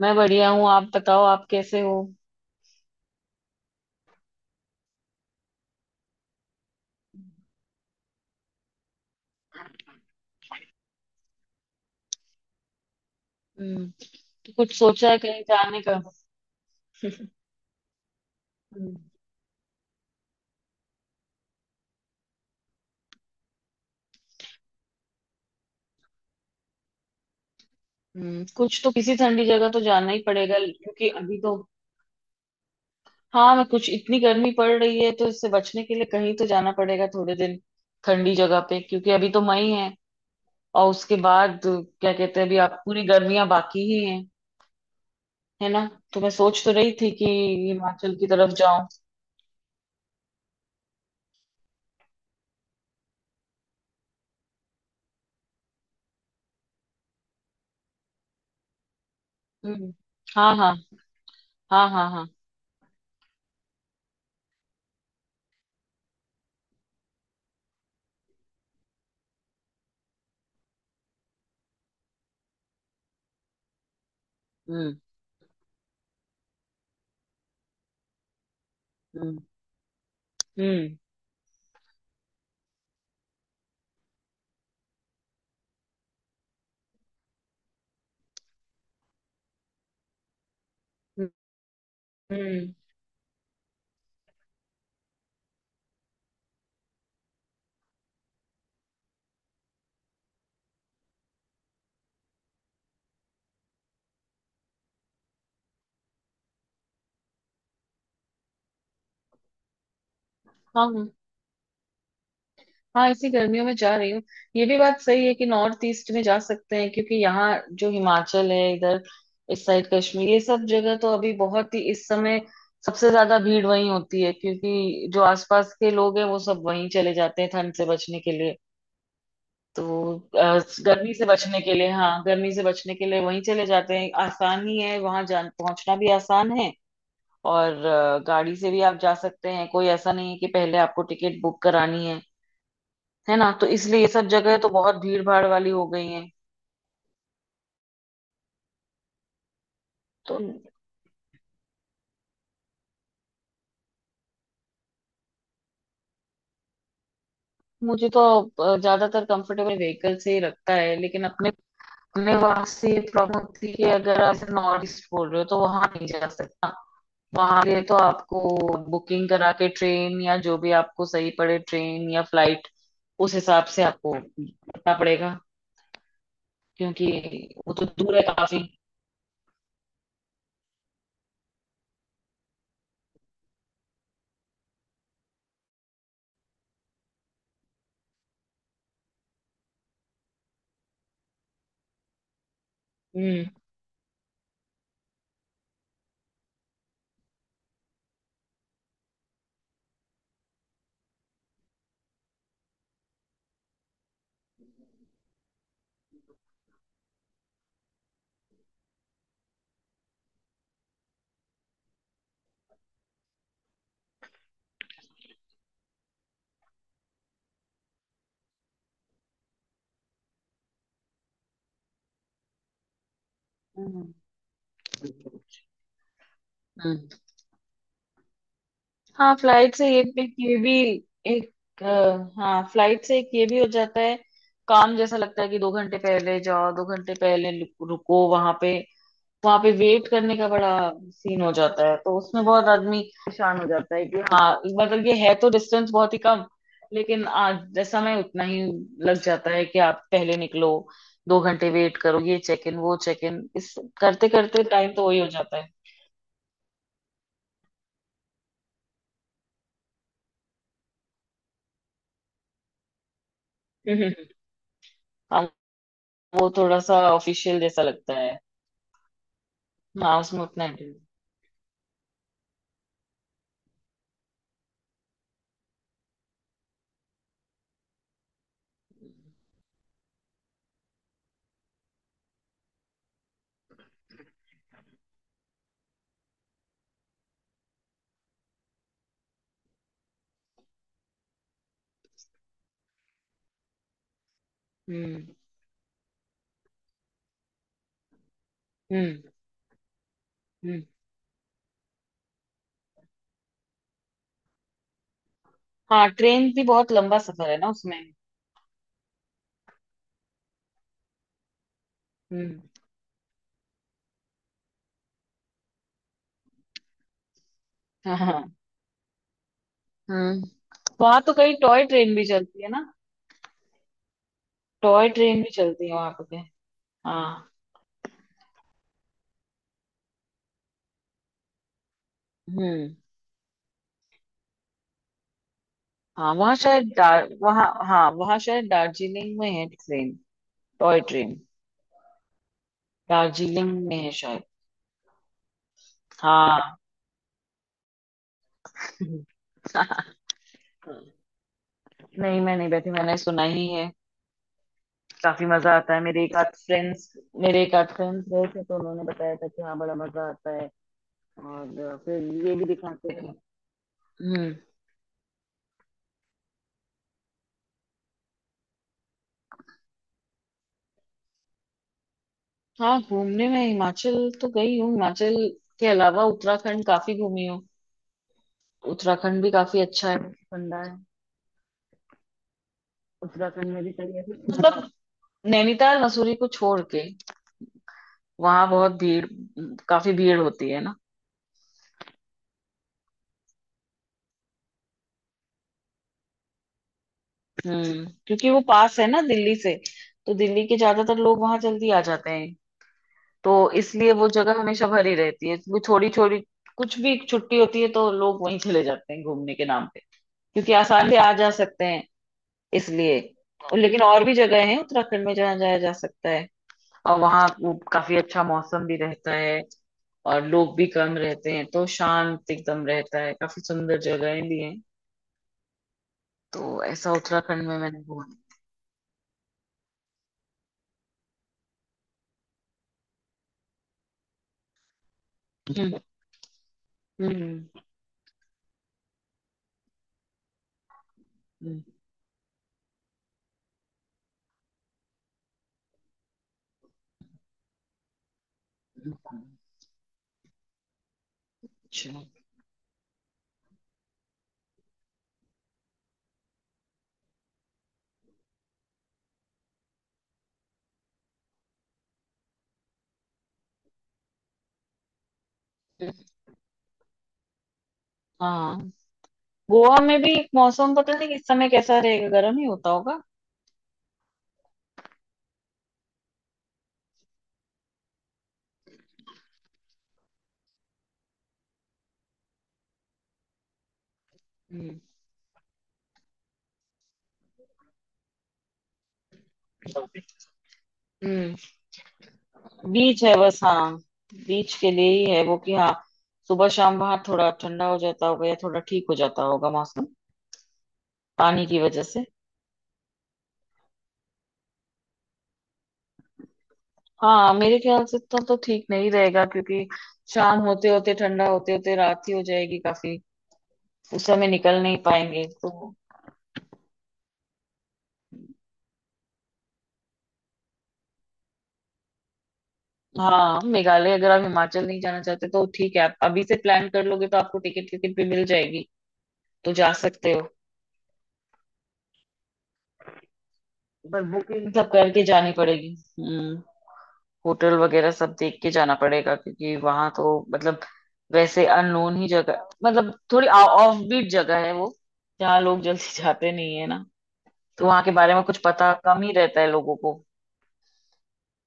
मैं बढ़िया हूँ। आप बताओ, आप कैसे हो। हम्म। तो कुछ सोचा है कहीं जाने का। हम्म। कुछ तो किसी ठंडी जगह तो जाना ही पड़ेगा, क्योंकि अभी तो। हाँ, मैं कुछ इतनी गर्मी पड़ रही है, तो इससे बचने के लिए कहीं तो जाना पड़ेगा, थोड़े दिन ठंडी जगह पे, क्योंकि अभी तो मई है। और उसके बाद, क्या कहते हैं, अभी आप पूरी गर्मियां बाकी ही हैं, है ना। तो मैं सोच तो रही थी कि हिमाचल की तरफ जाऊं। हम्म। हाँ, हाँ। हाँ, हाँ, हाँ। हम्म। हम्म। हम्म। हम्म। हम्म, हाँ, हाँ, इसी गर्मियों में जा रही हूँ। ये भी बात सही है कि नॉर्थ ईस्ट में जा सकते हैं, क्योंकि यहाँ जो हिमाचल है इधर, इस साइड कश्मीर, ये सब जगह तो अभी बहुत ही, इस समय सबसे ज्यादा भीड़ वहीं होती है, क्योंकि जो आसपास के लोग हैं वो सब वहीं चले जाते हैं ठंड से बचने के लिए। तो गर्मी से बचने के लिए, हाँ, गर्मी से बचने के लिए वहीं चले जाते हैं। आसान ही है वहां। जान पहुंचना भी आसान है। और गाड़ी से भी आप जा सकते हैं। कोई ऐसा नहीं है कि पहले आपको टिकट बुक करानी है। है ना, तो इसलिए ये सब जगह तो बहुत भीड़ भाड़ वाली हो गई हैं। तो मुझे तो ज्यादातर कंफर्टेबल व्हीकल से ही लगता है, लेकिन अपने अपने वहां से प्रॉब्लम होती है कि अगर आप नॉर्थ ईस्ट बोल रहे हो तो वहां नहीं जा सकता। वहां के लिए तो आपको बुकिंग करा के ट्रेन, या जो भी आपको सही पड़े, ट्रेन या फ्लाइट, उस हिसाब से आपको करना पड़ेगा। क्योंकि वो तो दूर है काफी। हम्म। हम्म। हम्म। हाँ, फ्लाइट से ये एक, ये भी एक, हाँ, फ्लाइट से एक, ये भी हो जाता है। काम जैसा लगता है कि 2 घंटे पहले जाओ, 2 घंटे पहले रुको वहां पे। वहां पे वेट करने का बड़ा सीन हो जाता है, तो उसमें बहुत आदमी परेशान हो जाता है कि हाँ। मतलब ये है तो डिस्टेंस बहुत ही कम, लेकिन आज समय उतना ही लग जाता है कि आप पहले निकलो, 2 घंटे वेट करो, ये चेक इन, वो चेक इन, इस करते करते टाइम तो वही हो जाता है। हाँ, वो थोड़ा सा ऑफिशियल जैसा लगता है। हाँ, उसमें उतना है। हम्म। हम्म। हम्म। हाँ, ट्रेन भी बहुत लंबा सफर है ना उसमें। हम्म। हाँ, हाँ। हम्म। वहां तो कई टॉय ट्रेन भी चलती है ना। टॉय ट्रेन भी चलती है वहां पर के। हाँ। हम्म। हाँ, वहाँ शायद दार वहाँ। हाँ, वहाँ शायद दार्जिलिंग में है, ट्रेन, टॉय ट्रेन। दार्जिलिंग में है शायद। हाँ। नहीं, मैं नहीं बैठी, मैंने सुना ही है। काफी मजा आता है, मेरे एक आध फ्रेंड्स गए थे, तो उन्होंने बताया था कि हाँ, बड़ा मजा आता है। और फिर ये भी दिखाते हैं। हम्म। हाँ, घूमने में हिमाचल तो गई हूँ। हिमाचल के अलावा उत्तराखंड काफी घूमी हूँ। उत्तराखंड भी काफी अच्छा है, ठंडा है। उत्तराखंड में भी कई ऐसी, मतलब, नैनीताल मसूरी को छोड़ के, वहां बहुत भीड़, काफी भीड़ होती है ना। हम्म। क्योंकि वो पास है ना दिल्ली से, तो दिल्ली के ज्यादातर लोग वहां जल्दी आ जाते हैं। तो इसलिए वो जगह हमेशा भरी रहती है, वो छोटी छोटी। कुछ भी छुट्टी होती है तो लोग वहीं चले जाते हैं घूमने के नाम पे, क्योंकि आसान से आ जा सकते हैं, इसलिए। लेकिन और भी जगह हैं उत्तराखंड में जहाँ जाया जा सकता है, और वहाँ वो काफी अच्छा मौसम भी रहता है, और लोग भी कम रहते हैं, तो शांत एकदम रहता है, काफी सुंदर जगहें भी हैं। तो ऐसा उत्तराखंड में मैंने घूमा। हम्म। हम्म। हम्म। हम्म। अच्छा। हाँ, गोवा में भी मौसम पता नहीं इस समय कैसा रहेगा, गर्म ही होता होगा। हम्म। हम्म। बीच है बस, हाँ। बीच के लिए ही है वो, कि हाँ। सुबह शाम वहां थोड़ा ठंडा हो जाता होगा, या थोड़ा ठीक हो जाता होगा मौसम, पानी की वजह से। हाँ, मेरे ख्याल से तो ठीक नहीं रहेगा, क्योंकि शाम होते होते ठंडा होते होते रात ही हो जाएगी काफी। उस समय निकल नहीं पाएंगे तो। हाँ, मेघालय अगर आप हिमाचल नहीं जाना चाहते तो ठीक है, आप अभी से प्लान कर लोगे तो आपको टिकट टिकट भी मिल जाएगी, तो जा सकते हो। पर बुकिंग सब करके जानी पड़ेगी। हम्म। होटल वगैरह सब देख के जाना पड़ेगा, क्योंकि वहां तो मतलब, वैसे अननोन ही जगह, मतलब थोड़ी ऑफ बीट जगह है वो, जहाँ लोग जल्दी जाते नहीं है ना। तो वहां के बारे में कुछ पता कम ही रहता है लोगों को,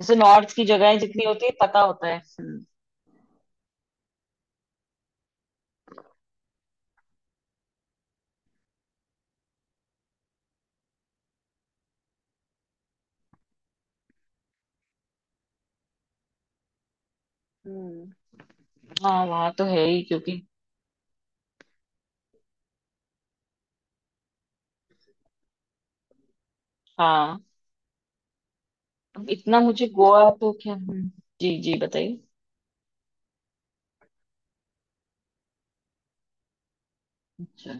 जैसे नॉर्थ की जगह जितनी होती है पता होता है। हम्म। हम्म। हाँ, वहां तो है ही क्योंकि। हाँ, अब इतना मुझे गोवा तो क्या। हम्म। जी, जी, बताइए। अच्छा।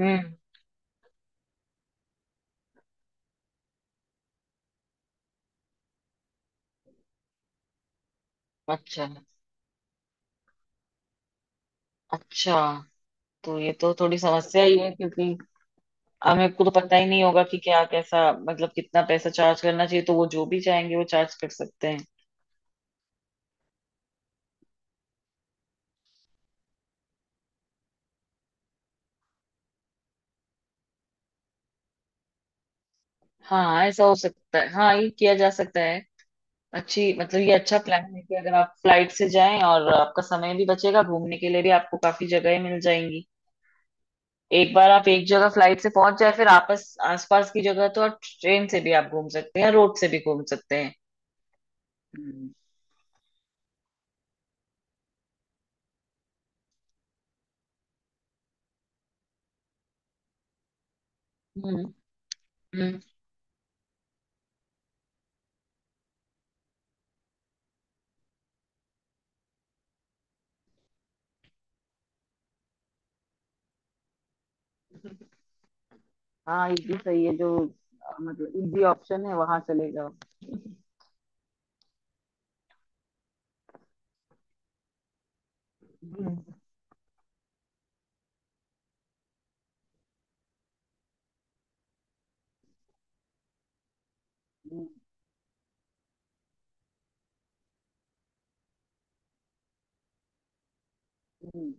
हम्म। अच्छा, अच्छा। तो ये तो थोड़ी समस्या ही है, क्योंकि अब मेरे को तो पता ही नहीं होगा कि क्या कैसा, मतलब कितना पैसा चार्ज करना चाहिए, तो वो जो भी चाहेंगे वो चार्ज कर सकते हैं। हाँ, ऐसा हो सकता है। हाँ, ये किया जा सकता है। अच्छी, मतलब ये अच्छा प्लान है कि अगर आप फ्लाइट से जाएं, और आपका समय भी बचेगा, घूमने के लिए भी आपको काफी जगहें मिल जाएंगी। एक बार आप एक जगह फ्लाइट से पहुंच जाए, फिर आपस आसपास की जगह तो आप ट्रेन से भी आप घूम सकते हैं, रोड से भी घूम सकते हैं। हम्म। हम्म। हाँ, ये भी सही है, जो मतलब इजी ऑप्शन है, वहां चले जाओ। हम्म। हम्म। हम्म।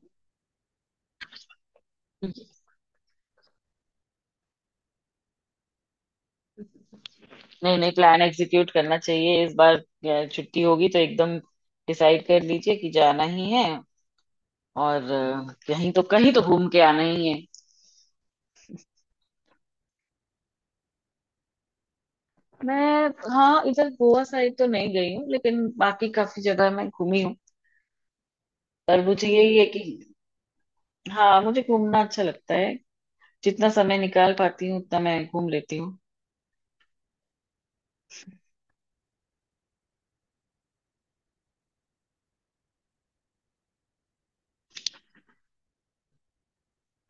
नहीं, नहीं, प्लान एग्जीक्यूट करना चाहिए। इस बार छुट्टी होगी तो एकदम डिसाइड कर लीजिए कि जाना ही है। और कहीं तो, कहीं तो घूम के आना ही है। मैं हाँ, इधर गोवा साइड तो नहीं गई हूँ, लेकिन बाकी काफी जगह मैं घूमी हूँ। पर मुझे यही है कि, हाँ, मुझे घूमना अच्छा लगता है। जितना समय निकाल पाती हूँ उतना मैं घूम लेती हूँ।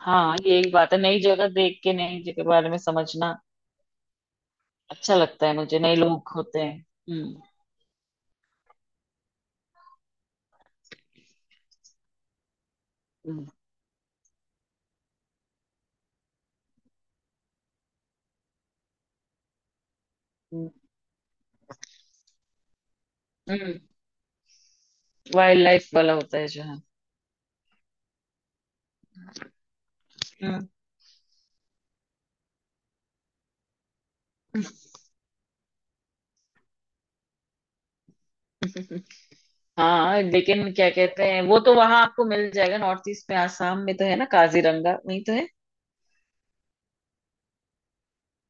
हाँ, ये एक बात है, नई जगह देख के नई जगह के बारे में समझना अच्छा लगता है मुझे, नए लोग होते हैं। हम्म। हम्म। वाइल्ड लाइफ वाला होता है जहाँ। हम्म। हाँ, लेकिन क्या कहते हैं, वो तो वहां आपको मिल जाएगा, नॉर्थ ईस्ट में, आसाम में तो है ना, काजीरंगा वहीं तो है।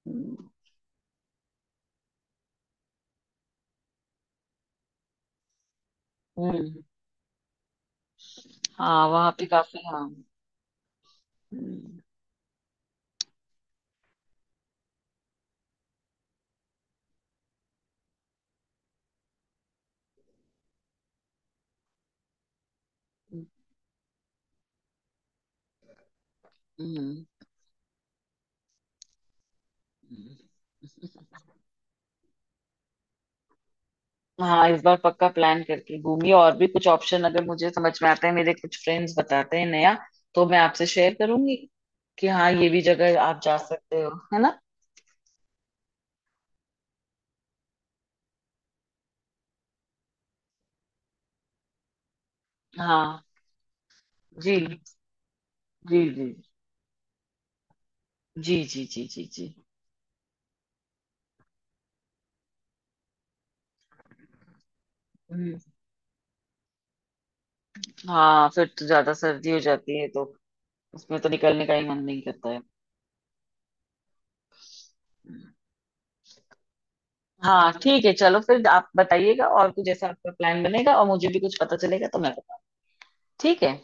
हम्म। हम्म। हाँ, वहां पे काफी। हाँ। हम्म। हम्म। हम्म। हम्म। हाँ, इस बार पक्का प्लान करके घूमिए। और भी कुछ ऑप्शन अगर मुझे समझ में आता है, मेरे कुछ फ्रेंड्स बताते हैं नया, तो मैं आपसे शेयर करूंगी कि हाँ, ये भी जगह आप जा सकते हो, है ना। हाँ। जी, जी, जी, जी, जी, जी, जी, जी। हम्म। हाँ, फिर तो ज्यादा सर्दी हो जाती है, तो उसमें तो निकलने का ही मन नहीं करता है। हाँ, ठीक है, चलो फिर आप बताइएगा, और कुछ जैसा आपका प्लान बनेगा और मुझे भी कुछ पता चलेगा तो मैं बताऊँ। ठीक है।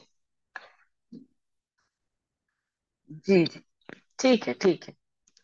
जी, जी। ठीक है। ठीक है।